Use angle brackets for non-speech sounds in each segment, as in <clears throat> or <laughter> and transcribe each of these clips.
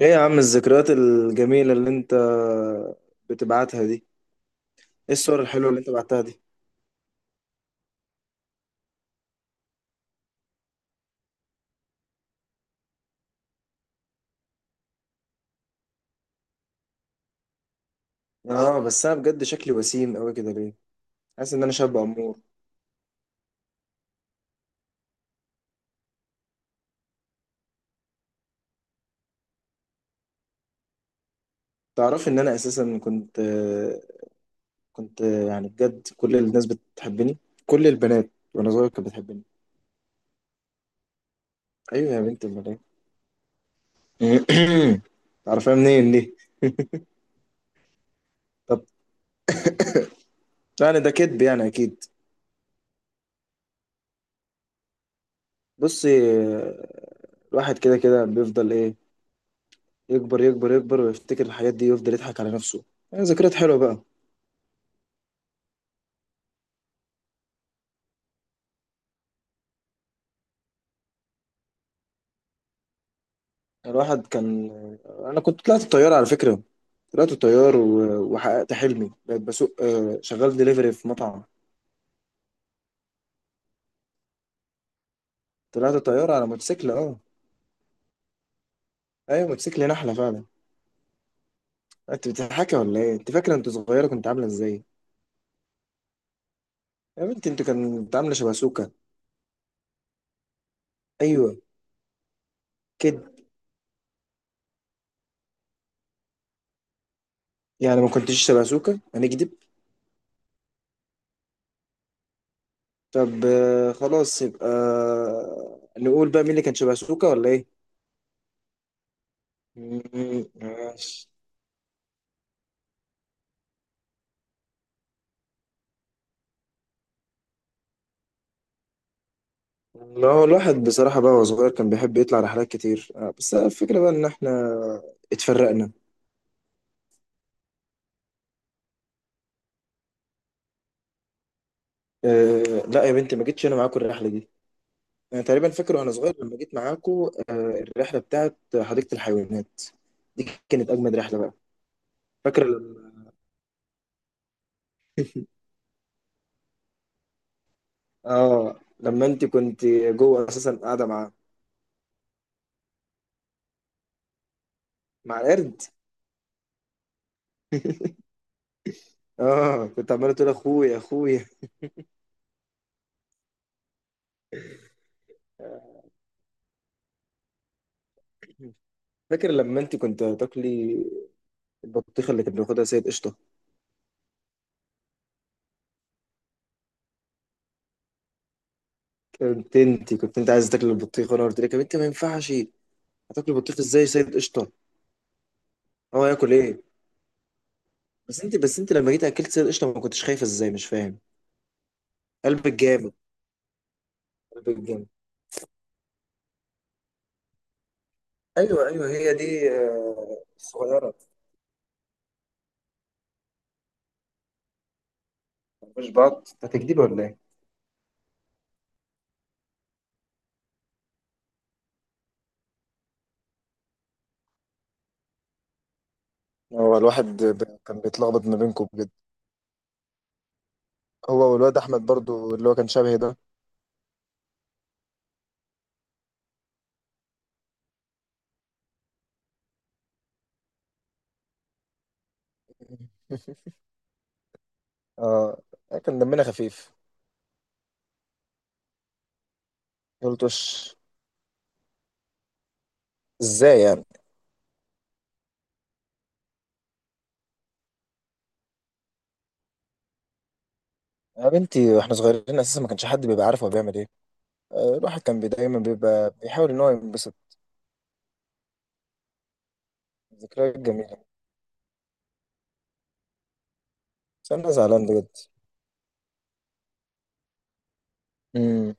ايه يا عم الذكريات الجميلة اللي انت بتبعتها دي؟ ايه الصور الحلوة اللي انت بعتها دي؟ اه، بس انا بجد شكلي وسيم قوي كده ليه؟ حاسس ان انا شاب امور. تعرف ان انا اساسا كنت يعني بجد كل الناس بتحبني. كل البنات وانا صغير كانت بتحبني. ايوه يا بنت الملاك. <coughs> تعرفها <clears throat> منين دي؟ طب يعني ده كدب يعني اكيد. بصي، الواحد كده كده بيفضل ايه؟ يكبر يكبر يكبر ويفتكر الحاجات دي ويفضل يضحك على نفسه. يعني ذكريات حلوة بقى. الواحد كان... انا كنت طلعت الطياره على فكره. طلعت الطيار و... وحققت حلمي، بقيت بسوق، شغال دليفري في مطعم. طلعت الطياره على موتوسيكل، اه. ايوه موتوسيكل نحله فعلا. انت بتضحكي ولا ايه؟ انت فاكره انت صغيره كنت عامله ازاي؟ يا بنتي انت كنت عامله شباسوكه. ايوه، كده. يعني ما كنتش شباسوكه هنكدب. طب خلاص، يبقى نقول بقى مين اللي كان شباسوكه ولا ايه. مم، ماشي. لا، هو الواحد بصراحة بقى وهو صغير كان بيحب يطلع رحلات كتير، بس الفكرة بقى إن إحنا اتفرقنا. اه لا يا بنتي، ما جيتش أنا معاكم الرحلة دي. أنا تقريبا فاكر وأنا صغير لما جيت معاكم. آه، الرحلة بتاعت حديقة الحيوانات دي كانت أجمد رحلة بقى. فاكرة لما... آه لما أنت كنت جوه أساسا قاعدة مع... مع القرد. آه كنت عمالة تقول أخويا أخويا. آه، فاكر لما أنت كنت تاكلي البطيخة اللي كانت بياخدها سيد قشطة. كنت انت عايز تاكل البطيخ، وانا قلت لك يا بنتي ما ينفعش. هتاكل البطيخ ازاي سيد قشطه؟ هو ياكل ايه؟ بس انت لما جيت اكلت سيد قشطه، ما كنتش خايفه ازاي؟ مش فاهم، قلبك جامد. قلبك جامد. ايوه ايوه، هي دي الصغيره. مش بعض، ده تجديد ولا ايه؟ هو الواحد كان بيتلخبط ما بينكم بجد. هو والواد احمد برضو اللي هو كان شبهي ده. <laughs> اه، كان دمنا خفيف. قلت وش؟ ازاي يعني؟ يا بنتي واحنا صغيرين اساسا ما كانش حد بيبقى عارف هو بيعمل ايه. الواحد كان دايما بيبقى بيحاول ان هو ينبسط. ذكريات جميله. بس انا زعلان بجد. امم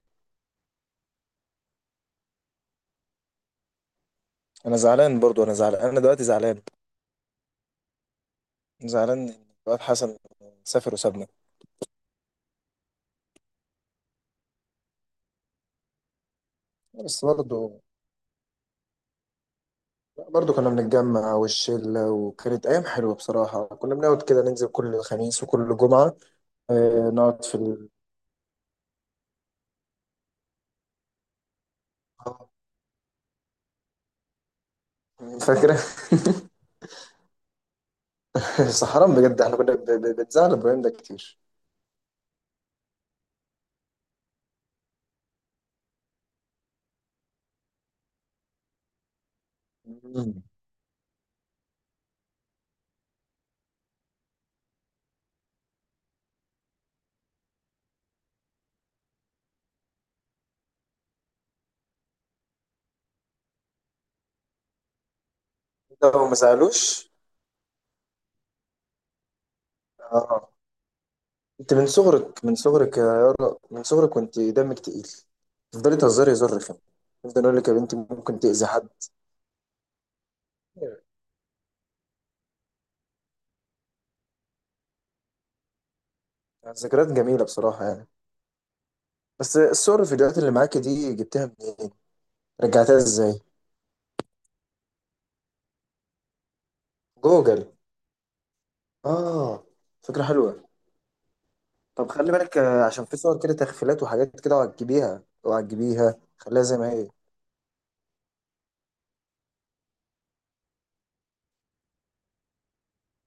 انا زعلان برضو، انا زعلان، انا دلوقتي زعلان. زعلان ان الواد حسن سافر وسابنا. بس برضه، برضه كنا بنتجمع والشلة، وكانت أيام حلوة بصراحة. كنا بنقعد كده ننزل كل خميس وكل جمعة. نقعد في ال... فاكرة؟ <laughs> بس حرام بجد، احنا كنا بنزعل إبراهيم ده كتير. مم. لو ما زعلوش. آه، انت من صغرك، من صغرك يا يارا، من صغرك كنت دمك تقيل. تفضلي تهزري هزار رخم. تفضل اقول لك يا بنتي ممكن تأذي حد. ذكريات جميلة بصراحة يعني. بس الصور الفيديوهات اللي معاكي دي جبتها منين؟ رجعتها ازاي؟ جوجل. اه، فكرة حلوة. طب خلي بالك، عشان في صور كده تخفيلات وحاجات كده، وعجبيها وعجبيها خليها زي ما هي.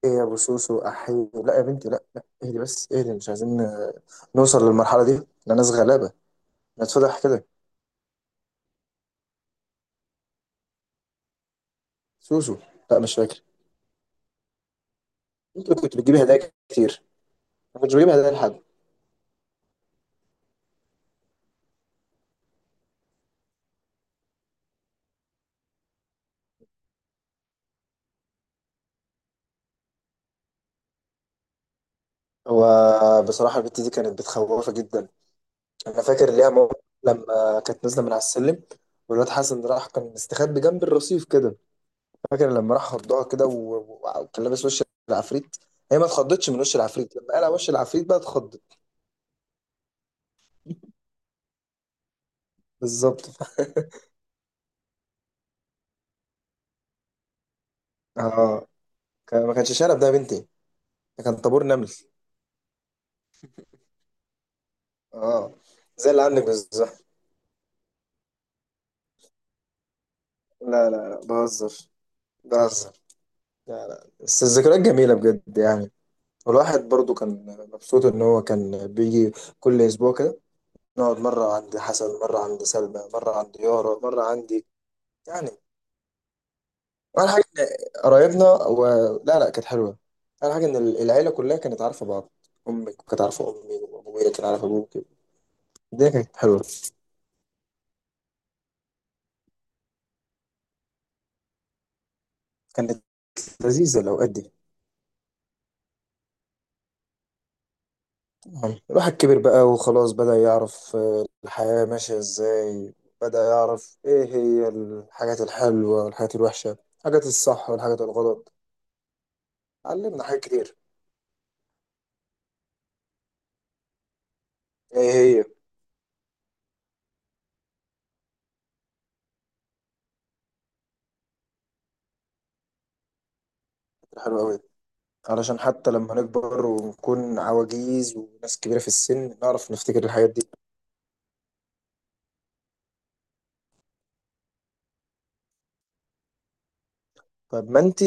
ايه يا ابو سوسو احي. لا يا بنتي، لا لا، اهدي بس اهدي، مش عايزين نوصل للمرحلة دي، لا، ناس غلابة. نتفضح كده. سوسو. لا مش فاكر. انت كنت بتجيبي هدايا كتير. ما كنتش بجيب هدايا لحد. هو بصراحه البت دي كانت بتخوفه جدا. انا فاكر ليها موقف لما كانت نازله من على السلم، والواد حسن راح كان مستخبي جنب الرصيف كده. فاكر لما راح خضها كده، و- و- وكان لابس وش العفريت. هي ما اتخضتش من وش العفريت، لما قلع وش العفريت بقى اتخضت. بالظبط. <laughs> اه، ما كانش شنب ده يا بنتي. ده كان طابور نمل. اه، زي اللي عندك بالظبط. لا لا لا بهزر، بهزر. لا لا، بس الذكريات جميلة بجد يعني. والواحد برضو كان مبسوط إن هو كان بيجي كل أسبوع كده. نقعد مرة عند حسن، مرة عند سلمى، مرة عند يارا، مرة عندي. يعني أول حاجة إن قرايبنا و... لا لا، كانت حلوة. أول حاجة إن العيلة كلها كانت عارفة بعض. أمك كانت عارفة أمي، وأبويا كان عارف أبوك. الدنيا كانت حلوة. كانت لذيذة الأوقات دي. نعم. الواحد كبر بقى وخلاص، بدأ يعرف الحياة ماشية ازاي. بدأ يعرف ايه هي الحاجات الحلوة والحاجات الوحشة، الحاجات الصح والحاجات الغلط. علمنا حاجات كتير. ايه هي؟ الحلوة أوي. علشان حتى لما نكبر ونكون عواجيز وناس كبيرة في السن نعرف نفتكر الحاجات دي. طب ما انتي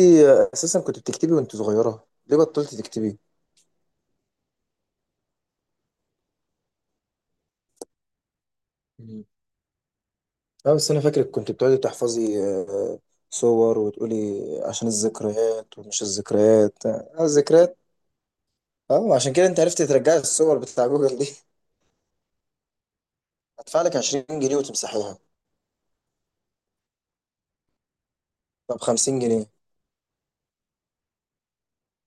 أساسا كنت بتكتبي وانت صغيرة، ليه بطلتي تكتبي؟ لا، بس انا فاكرك كنت بتقعدي تحفظي صور، وتقولي عشان الذكريات، ومش الذكريات الذكريات. اه، عشان كده انت عرفتي ترجعي الصور بتاع جوجل دي. <laughs> هدفع لك 20 جنيه وتمسحيها. طب 50 جنيه.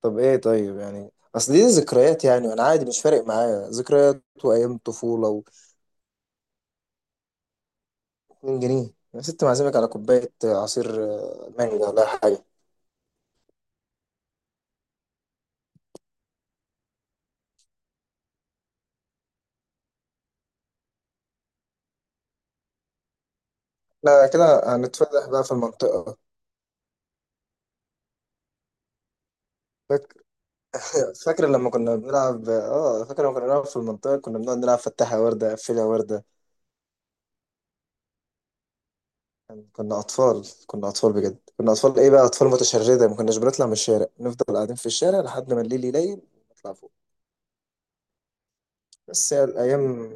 طب ايه؟ طيب يعني اصل دي ذكريات يعني، وانا عادي مش فارق معايا ذكريات وايام طفوله و... 2 جنيه يا ست، معزمك على كوبايه عصير مانجا ولا حاجه. لا، كده هنتفضح بقى في المنطقه. فاكر لما كنا بنلعب؟ اه، فاكر لما كنا بنلعب في المنطقة كنا بنقعد نلعب فتحها وردة قفلها وردة. يعني كنا أطفال، كنا أطفال بجد، كنا أطفال إيه بقى، أطفال متشردة. ما كناش بنطلع من الشارع، نفضل قاعدين في الشارع لحد ما الليل يليل نطلع فوق. بس هي الأيام.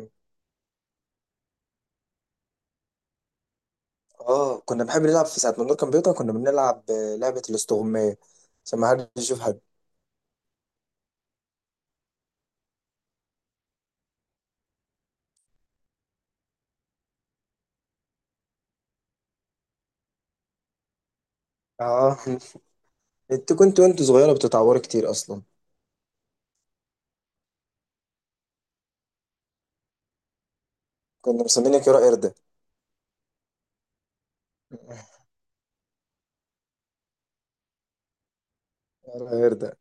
اه، كنا بنحب نلعب في ساعة ما النور كان بيقطع. كنا بنلعب لعبة الاستغماية عشان ما حدش يشوف حد. اه. <laughs> انت كنت وانت صغيرة بتتعوري كتير أصلا. كنا مسمينك يا قردة. <laughs> يا قردة.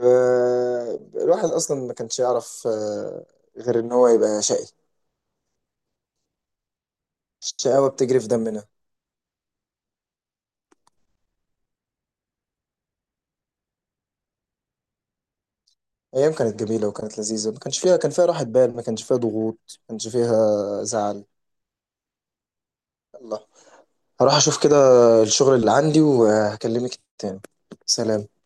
الواحد اصلا ما كانش يعرف غير ان هو يبقى شقي. الشقاوه بتجري في دمنا. ايام كانت جميله وكانت لذيذه، ما كانش فيها... كان فيها راحه بال، ما كانش فيها ضغوط، ما كانش فيها زعل. الله، هروح اشوف كده الشغل اللي عندي وهكلمك تاني. سلام.